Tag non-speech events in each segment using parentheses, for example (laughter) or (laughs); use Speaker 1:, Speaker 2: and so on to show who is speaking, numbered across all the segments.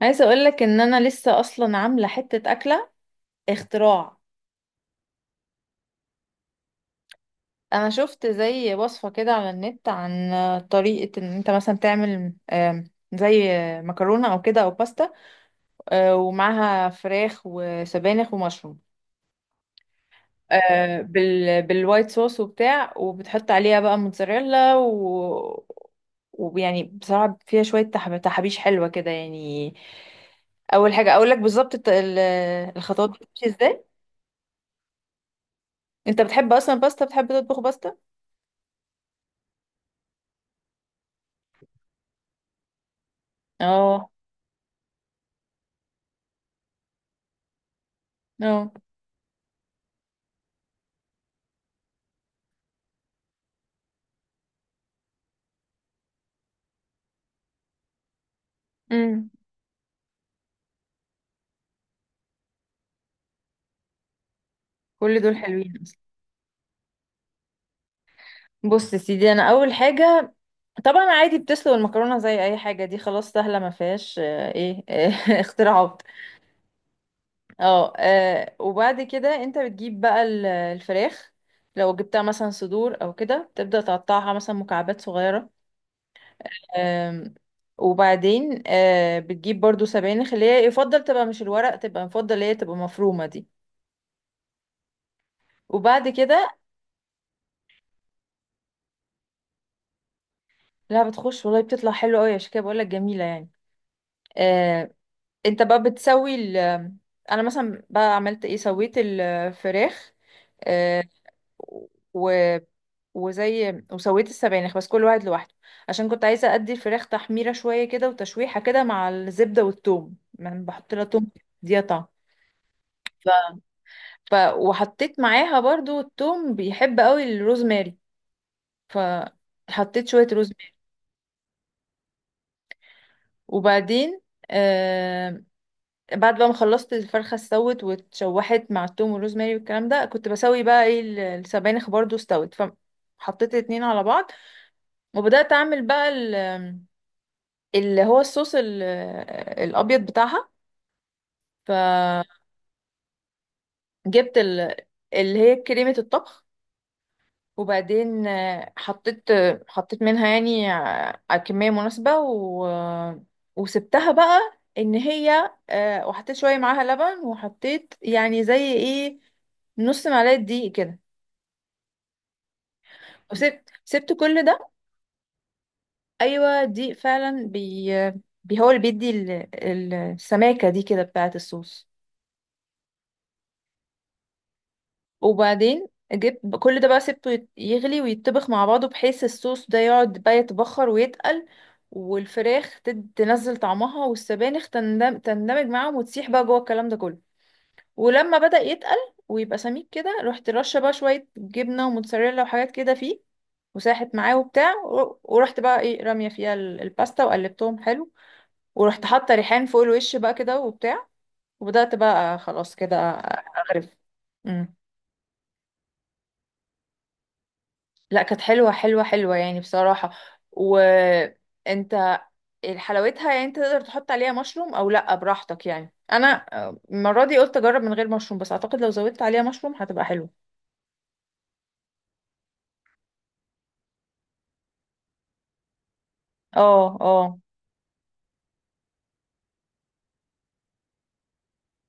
Speaker 1: عايزه اقول لك ان انا لسه اصلا عامله حته اكله اختراع. انا شفت زي وصفه كده على النت عن طريقه ان انت مثلا تعمل زي مكرونه او كده او باستا، ومعاها فراخ وسبانخ ومشروم، بالوايت صوص وبتاع، وبتحط عليها بقى موتزاريلا، ويعني بصراحه فيها شويه تحابيش حلوه كده يعني. اول حاجه اقول لك بالظبط الخطوات بتمشي ازاي. انت بتحب اصلا باستا؟ بتحب تطبخ باستا؟ اه. اه. امم. كل دول حلوين اصلا. بص يا سيدي، انا اول حاجه طبعا عادي بتسلق المكرونه زي اي حاجه، دي خلاص سهله، ما فيهاش ايه (laughs) اختراعات. اه، وبعد كده انت بتجيب بقى الفراخ. لو جبتها مثلا صدور او كده، تبدا تقطعها مثلا مكعبات صغيره. آم، وبعدين بتجيب برضو سبانخ، اللي هي يفضل تبقى مش الورق، تبقى يفضل اللي هي تبقى مفرومه دي. وبعد كده لا، بتخش والله، بتطلع حلو قوي، عشان كده بقول لك جميله يعني. آه. انت بقى بتسوي ال... انا مثلا بقى عملت ايه؟ سويت الفراخ. آه. و وزي وسويت السبانخ، بس كل واحد لوحده، عشان كنت عايزه ادي الفراخ تحميره شويه كده وتشويحه كده مع الزبده والثوم. يعني بحط لها ثوم، دي طعم. ف... وحطيت معاها برضو الثوم. بيحب قوي الروزماري، فحطيت شويه روزماري. وبعدين آه، بعد بقى ما خلصت الفرخه استوت واتشوحت مع التوم والروزماري والكلام ده، كنت بسوي بقى ايه السبانخ برضو استوت. فحطيت الاتنين على بعض، وبدات اعمل بقى اللي هو الصوص الابيض بتاعها. جبت ال... اللي هي كريمة الطبخ. وبعدين حطيت، حطيت منها يعني على كمية مناسبة، و... وسبتها بقى ان هي وحطيت شوية معاها لبن، وحطيت يعني زي ايه نص معلقة دقيق كده. وسبت كل ده. ايوه دي فعلا بي هو اللي بيدي السماكه دي كده بتاعه الصوص. وبعدين جبت كل ده بقى سبته يغلي ويتطبخ مع بعضه، بحيث الصوص ده يقعد بقى يتبخر ويتقل، والفراخ تنزل طعمها، والسبانخ تندمج معاهم وتسيح بقى جوه الكلام ده كله. ولما بدأ يتقل ويبقى سميك كده، رحت رشه بقى شويه جبنه وموتزاريلا وحاجات كده فيه، وساحت معاه وبتاع ورحت بقى ايه راميه فيها الباستا وقلبتهم حلو. ورحت حاطه ريحان فوق الوش بقى كده وبتاع، وبدات بقى خلاص كده اغرف. امم. لا كانت حلوه حلوه حلوه يعني بصراحه. وانت، حلاوتها يعني انت تقدر تحط عليها مشروم او لا، براحتك يعني. انا المره دي قلت اجرب من غير مشروم، بس اعتقد لو زودت عليها مشروم هتبقى حلوه. اه اه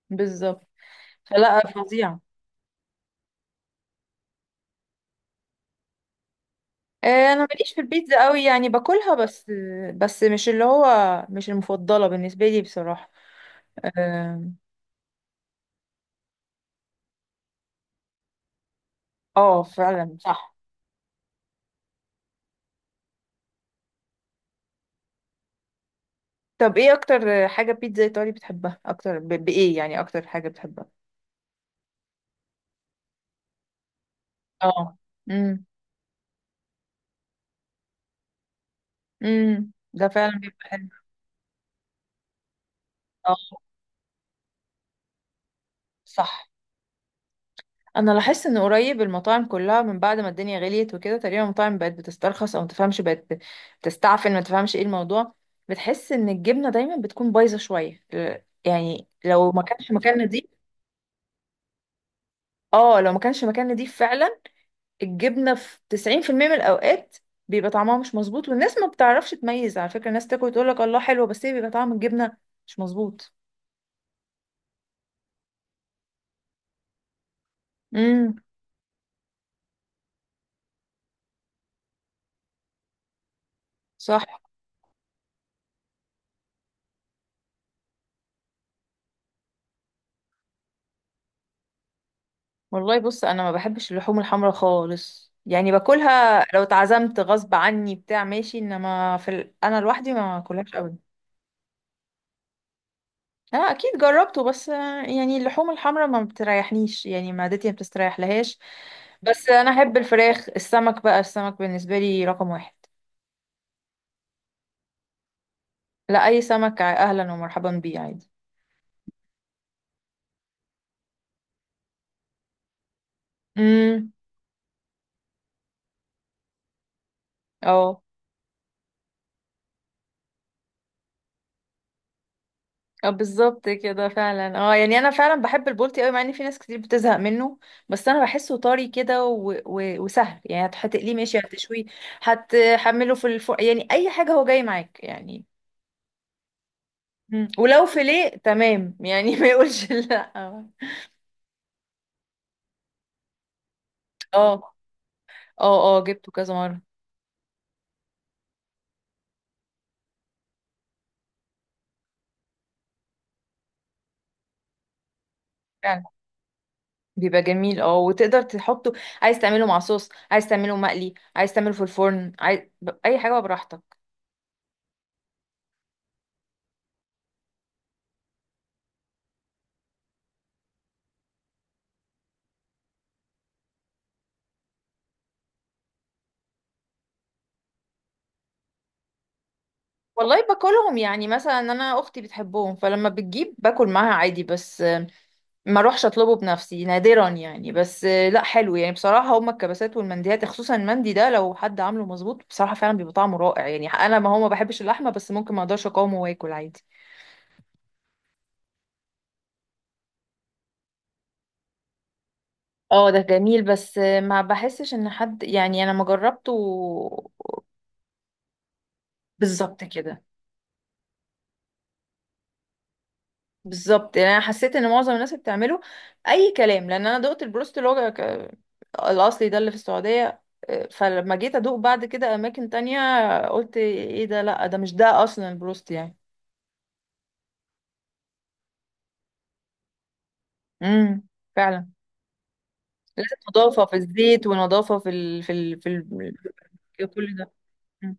Speaker 1: بالظبط. فلا، فظيعه. انا ماليش في البيتزا قوي، يعني باكلها بس، بس مش اللي هو مش المفضله بالنسبه لي بصراحه. اه. فعلا صح. طب ايه اكتر حاجة بيتزا ايطالي بتحبها اكتر؟ ب... بايه يعني اكتر حاجة بتحبها؟ اه. امم. امم، ده فعلا بيبقى حلو. اه. صح. انا لاحظت ان قريب المطاعم كلها من بعد ما الدنيا غليت وكده، تقريبا المطاعم بقت بتسترخص او ما تفهمش، بقت تستعفن، ما تفهمش ايه الموضوع. بتحس ان الجبنة دايما بتكون بايظة شوية يعني لو ما كانش مكان نضيف. اه، لو ما كانش مكان نضيف فعلا. الجبنة في 90% من الأوقات بيبقى طعمها مش مظبوط، والناس ما بتعرفش تميز. على فكرة الناس تاكل تقول لك الله حلوة، بس هي بيبقى طعم الجبنة مش مظبوط. امم. صح. والله بص، أنا ما بحبش اللحوم الحمراء خالص، يعني باكلها لو اتعزمت غصب عني بتاع ماشي، انما في ال... انا لوحدي ما باكلهاش ابدا. انا اكيد جربته، بس يعني اللحوم الحمراء ما بتريحنيش، يعني معدتي ما بتستريح لهاش. بس انا احب الفراخ. السمك بقى السمك بالنسبة لي رقم واحد. لا اي سمك، اهلا ومرحبا بيه عادي. امم. اه اه بالظبط كده فعلا. اه يعني انا فعلا بحب البولتي قوي، مع ان في ناس كتير بتزهق منه. بس انا بحسه طري كده وسهل، يعني هتقليه ماشي، هتشويه، هتحمله في الفرن، يعني اي حاجه هو جاي معاك يعني. مم. ولو فيليه تمام يعني (laughs) ما يقولش لا. اه اه اه جبته كذا مره. فعلا بيبقى جميل، اه، وتقدر تحطه، عايز تعمله مع صوص، عايز تعمله مقلي، عايز تعمله في الفرن، عايز... اي حاجه براحتك. والله باكلهم، يعني مثلا انا اختي بتحبهم، فلما بتجيب باكل معاها عادي، بس ما اروحش اطلبه بنفسي نادرا يعني. بس لا حلو يعني بصراحه، هما الكبسات والمنديات، خصوصا المندي ده، لو حد عامله مظبوط بصراحه فعلا بيبقى طعمه رائع يعني. انا ما هو ما بحبش اللحمه، بس ممكن ما اقدرش اقاومه واكل عادي. اه ده جميل، بس ما بحسش ان حد، يعني انا ما جربته. بالظبط كده. بالظبط، يعني انا حسيت ان معظم الناس اللي بتعمله اي كلام، لان انا دقت البروست اللي هو الاصلي ده اللي في السعوديه. فلما جيت ادوق بعد كده اماكن تانية، قلت ايه ده؟ لا ده مش ده اصلا البروست يعني. امم. فعلا. لازم نظافه في الزيت، ونظافه في ال... في ال... في ال... في كل ده. مم.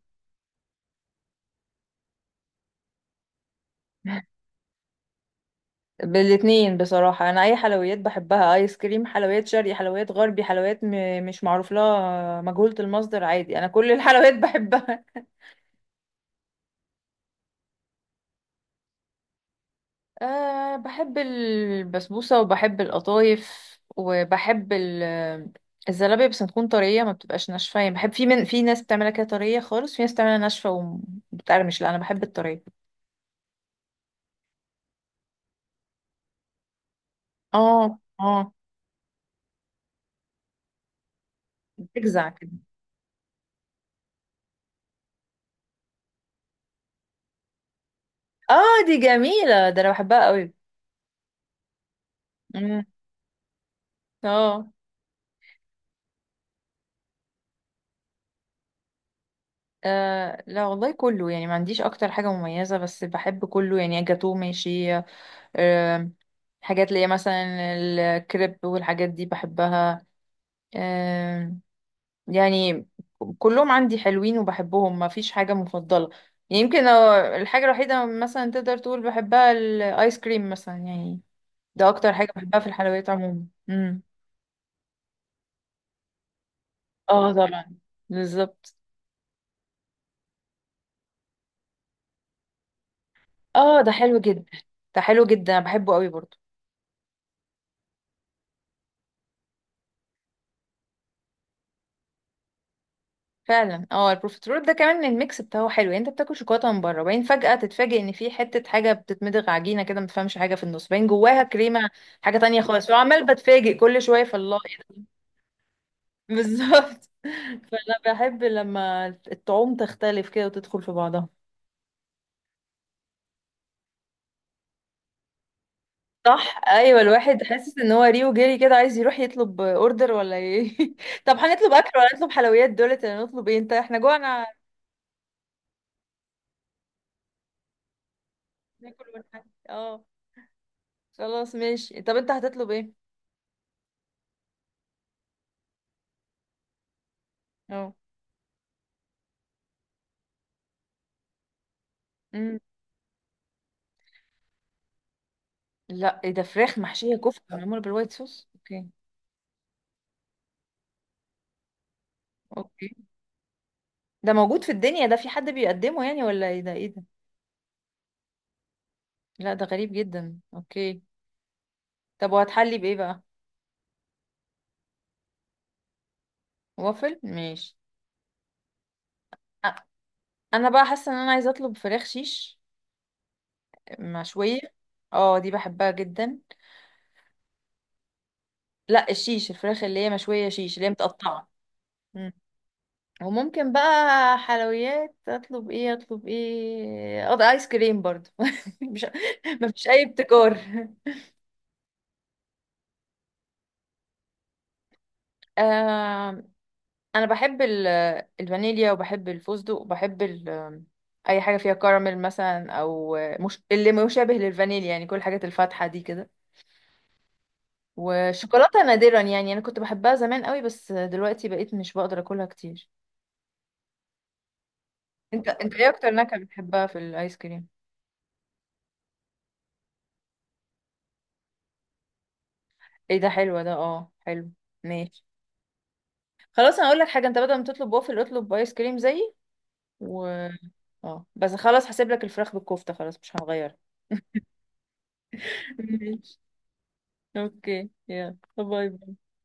Speaker 1: بالاتنين بصراحه، انا اي حلويات بحبها: ايس كريم، حلويات شرقي، حلويات غربي، حلويات م... مش معروف لها، مجهوله المصدر، عادي انا كل الحلويات (laughs) بحبها. أه بحب البسبوسة، وبحب القطايف، وبحب الزلابية، بس تكون طرية، ما بتبقاش ناشفة يعني. بحب، في من في ناس بتعملها كده طرية خالص، في ناس بتعملها ناشفة وبتقرمش، لا أنا بحب الطرية. اه اه. بتجزع كده. اه دي جميلة، ده أنا بحبها قوي. مم. اه. آه لا والله كله يعني، ما عنديش أكتر حاجة مميزة، بس بحب كله يعني، جاتوه ماشي، آه، حاجات اللي هي مثلا الكريب والحاجات دي بحبها، آه، يعني كلهم عندي حلوين وبحبهم، ما فيش حاجة مفضلة يعني. يمكن الحاجة الوحيدة مثلا تقدر تقول بحبها الآيس كريم مثلا يعني، ده أكتر حاجة بحبها في الحلويات عموما. امم. اه طبعا. بالظبط. اه ده حلو جدا، ده حلو جدا أنا بحبه قوي برضو. فعلا، اه، البروفيترول ده كمان الميكس بتاعه حلو، يعني انت بتاكل شوكولاته من بره، وبعدين فجاه تتفاجئ ان في حته حاجه بتتمضغ عجينه كده، ما تفهمش حاجه في النص، باين جواها كريمه، حاجه تانية خالص، وعمال بتفاجئ كل شويه في الله. بالظبط (laughs) فانا بحب لما الطعوم تختلف كده وتدخل في بعضها. صح. ايوه الواحد حاسس ان هو ريو جري كده، عايز يروح يطلب اوردر ولا ايه (laughs) طب هنطلب اكل، ولا نطلب حلويات دولت، ولا نطلب ايه؟ انت، احنا جوعنا، ناكل ونحن اه، خلاص ماشي. طب انت هتطلب ايه؟ اه. امم. لا ايه ده، فراخ محشيه كفته معموله بالوايت صوص؟ اوكي. اوكي. ده موجود في الدنيا؟ ده في حد بيقدمه يعني؟ ولا ايه ده، ايه ده؟ لا ده غريب جدا، اوكي. طب وهتحلي بايه بقى؟ وافل، ماشي. انا بقى حاسه ان انا عايزه اطلب فراخ شيش مشويه. اه دي بحبها جدا. لا الشيش الفراخ اللي هي مشويه شيش، اللي هي متقطعه. مم. وممكن بقى حلويات، اطلب ايه اطلب ايه؟ اقضي ايس كريم برضو (laughs) مش، مفيش اي ابتكار. آه انا بحب الفانيليا، وبحب الفستق، وبحب اي حاجه فيها كراميل مثلا، او مش اللي مشابه للفانيليا يعني، كل الحاجات الفاتحه دي كده. وشوكولاتة نادرا، يعني انا كنت بحبها زمان قوي، بس دلوقتي بقيت مش بقدر اكلها كتير. انت انت ايه اكتر نكهة بتحبها في الايس كريم؟ ايه ده حلوة، ده اه حلو، ماشي. خلاص انا اقول لك حاجة، انت بدل ما تطلب وافل اطلب ايس كريم زيي. و... اه بس خلاص هسيب لك الفراخ بالكفتة، خلاص مش هنغير. (laughs) ماشي. اوكي يلا باي باي.